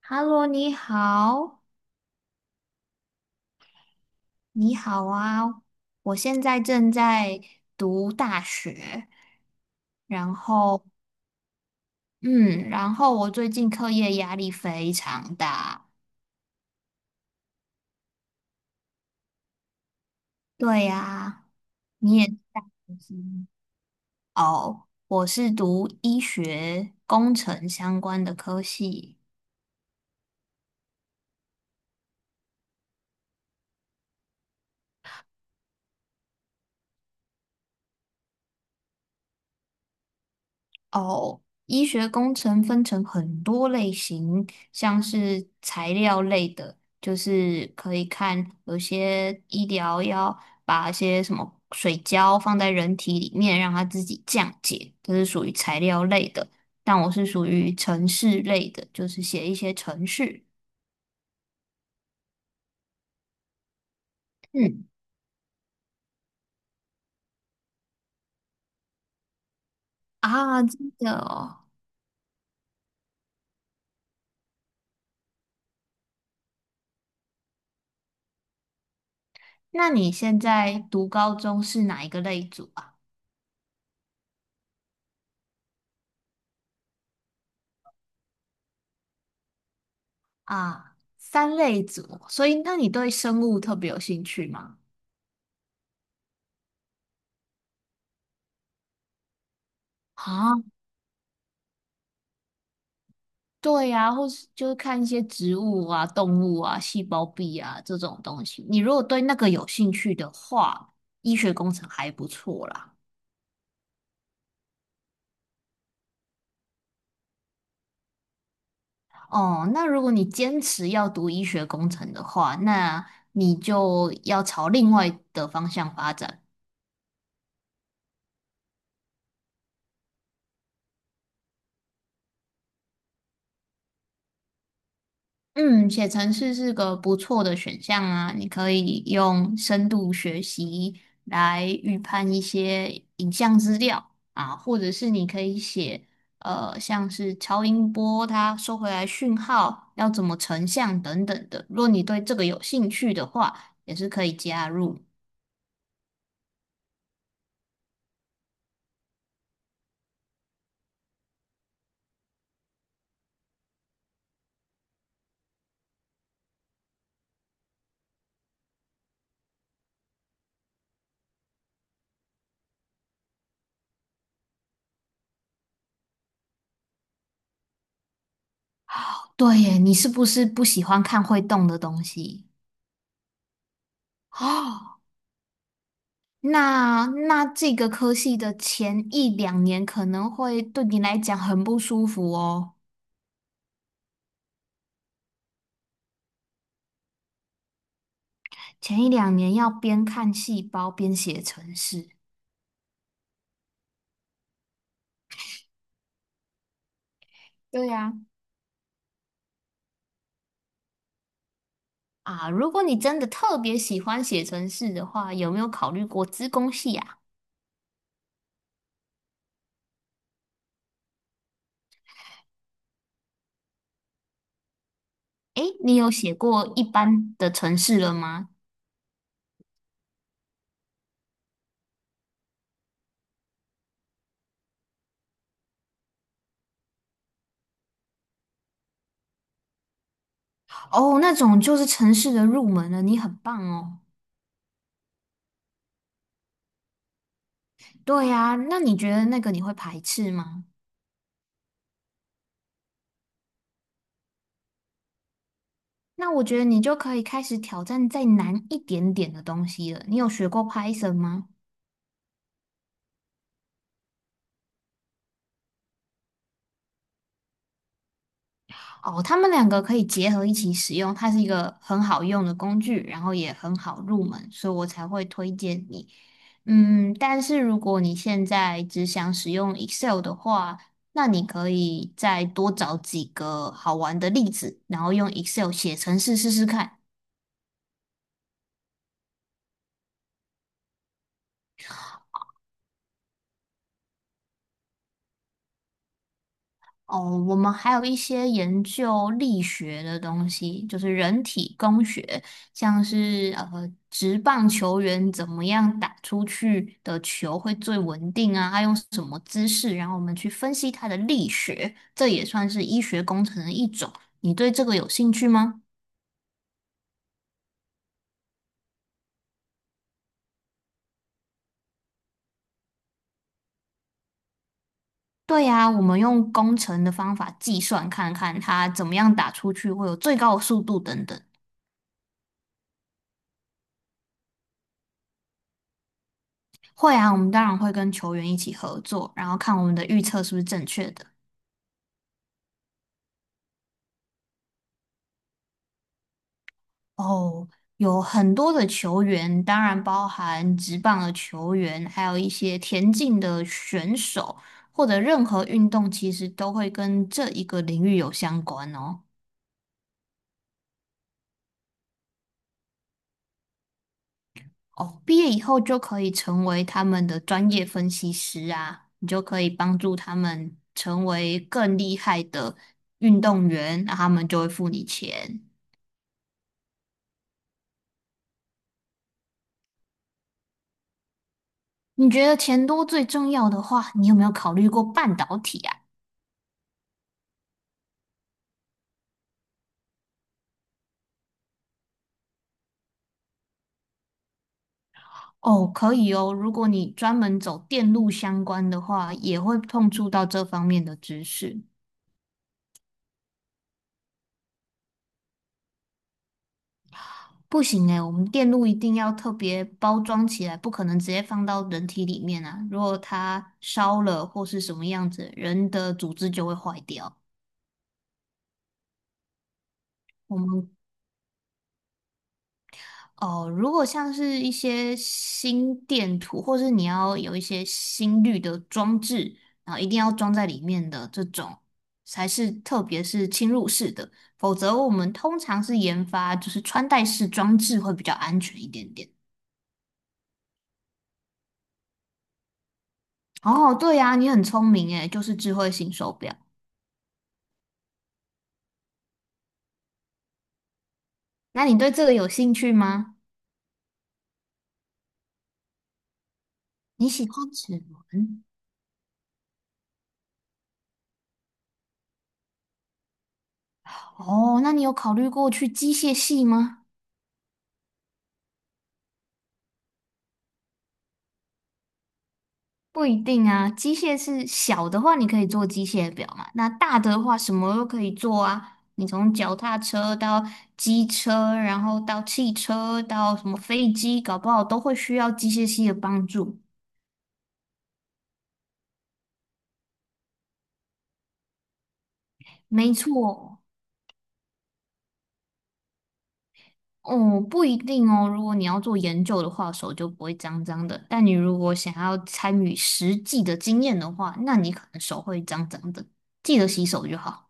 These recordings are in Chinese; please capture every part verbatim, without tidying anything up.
Hello，你好，你好啊！我现在正在读大学，然后，嗯，然后我最近课业压力非常大。对呀，你也是大学生哦，我是读医学工程相关的科系。哦，医学工程分成很多类型，像是材料类的，就是可以看有些医疗要把一些什么水胶放在人体里面，让它自己降解，这是属于材料类的。但我是属于程式类的，就是写一些程序。嗯，啊，真的哦。那你现在读高中是哪一个类组啊？啊，三类组，所以那你对生物特别有兴趣吗？啊，对呀、或是就是看一些植物啊、动物啊、细胞壁啊这种东西。你如果对那个有兴趣的话，医学工程还不错啦。哦，那如果你坚持要读医学工程的话，那你就要朝另外的方向发展。嗯，写程式是个不错的选项啊，你可以用深度学习来预判一些影像资料啊，或者是你可以写呃，像是超音波它收回来讯号要怎么成像等等的。如果你对这个有兴趣的话，也是可以加入。对耶，你是不是不喜欢看会动的东西？哦，那那这个科系的前一两年可能会对你来讲很不舒服哦。前一两年要边看细胞边写程式。对呀、啊。如果你真的特别喜欢写程式的话，有没有考虑过资工系啊？诶，你有写过一般的城市了吗？哦，那种就是城市的入门了，你很棒哦。对呀，那你觉得那个你会排斥吗？那我觉得你就可以开始挑战再难一点点的东西了。你有学过 Python 吗？哦，他们两个可以结合一起使用，它是一个很好用的工具，然后也很好入门，所以我才会推荐你。嗯，但是如果你现在只想使用 Excel 的话，那你可以再多找几个好玩的例子，然后用 Excel 写程式试试看。哦，我们还有一些研究力学的东西，就是人体工学，像是呃，职棒球员怎么样打出去的球会最稳定啊，他用什么姿势，然后我们去分析他的力学，这也算是医学工程的一种。你对这个有兴趣吗？对呀，我们用工程的方法计算，看看他怎么样打出去会有最高的速度等等。会啊，我们当然会跟球员一起合作，然后看我们的预测是不是正确的。哦，有很多的球员，当然包含职棒的球员，还有一些田径的选手，或者任何运动，其实都会跟这一个领域有相关哦。哦，毕业以后就可以成为他们的专业分析师啊，你就可以帮助他们成为更厉害的运动员，那他们就会付你钱。你觉得钱多最重要的话，你有没有考虑过半导体啊？哦，可以哦。如果你专门走电路相关的话，也会碰触到这方面的知识。不行诶，我们电路一定要特别包装起来，不可能直接放到人体里面啊。如果它烧了或是什么样子，人的组织就会坏掉。我们哦，如果像是一些心电图，或是你要有一些心率的装置，然后一定要装在里面的这种，才是特别是侵入式的，否则我们通常是研发就是穿戴式装置会比较安全一点点。哦，对呀，你很聪明诶，就是智慧型手表。那你对这个有兴趣吗？你喜欢齿轮？哦，那你有考虑过去机械系吗？不一定啊，机械是小的话，你可以做机械表嘛。那大的话，什么都可以做啊。你从脚踏车到机车，然后到汽车，到什么飞机，搞不好都会需要机械系的帮助。没错，哦，不一定哦。如果你要做研究的话，手就不会脏脏的。但你如果想要参与实际的经验的话，那你可能手会脏脏的。记得洗手就好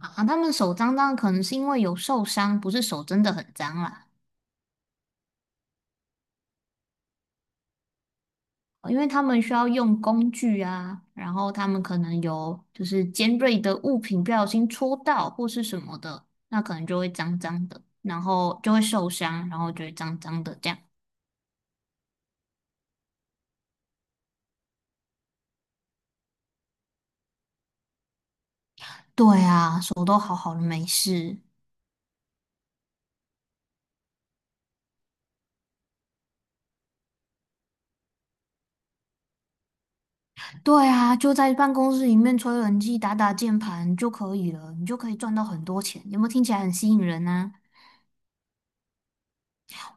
啊。他们手脏脏，可能是因为有受伤，不是手真的很脏啦。因为他们需要用工具啊，然后他们可能有就是尖锐的物品不小心戳到或是什么的，那可能就会脏脏的，然后就会受伤，然后就会脏脏的这样。对啊，手都好好的没事。对啊，就在办公室里面吹冷气、打打键盘就可以了，你就可以赚到很多钱。有没有听起来很吸引人啊？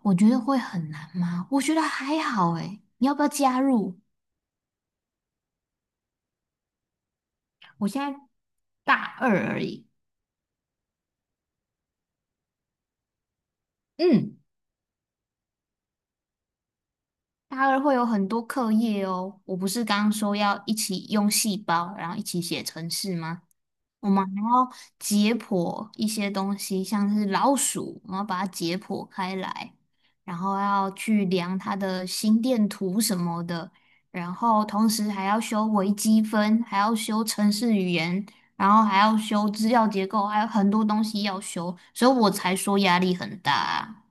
我觉得会很难吗？我觉得还好诶，你要不要加入？我现在大二而已。嗯。大二会有很多课业哦，我不是刚刚说要一起用细胞，然后一起写程式吗？我们还要解剖一些东西，像是老鼠，我们要把它解剖开来，然后要去量它的心电图什么的，然后同时还要修微积分，还要修程式语言，然后还要修资料结构，还有很多东西要修，所以我才说压力很大啊。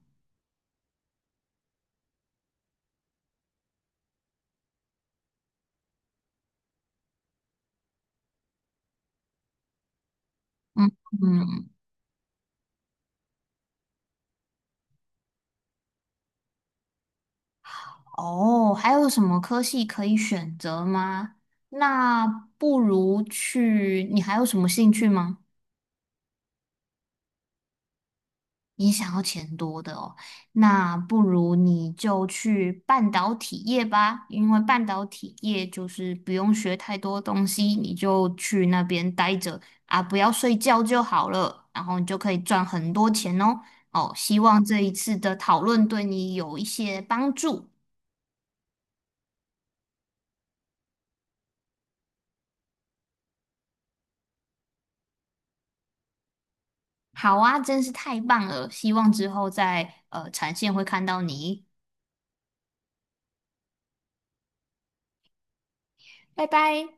嗯嗯。哦，还有什么科系可以选择吗？那不如去，你还有什么兴趣吗？你想要钱多的哦，那不如你就去半导体业吧，因为半导体业就是不用学太多东西，你就去那边待着啊，不要睡觉就好了，然后你就可以赚很多钱哦。哦，希望这一次的讨论对你有一些帮助。好啊，真是太棒了！希望之后在呃产线会看到你，拜拜。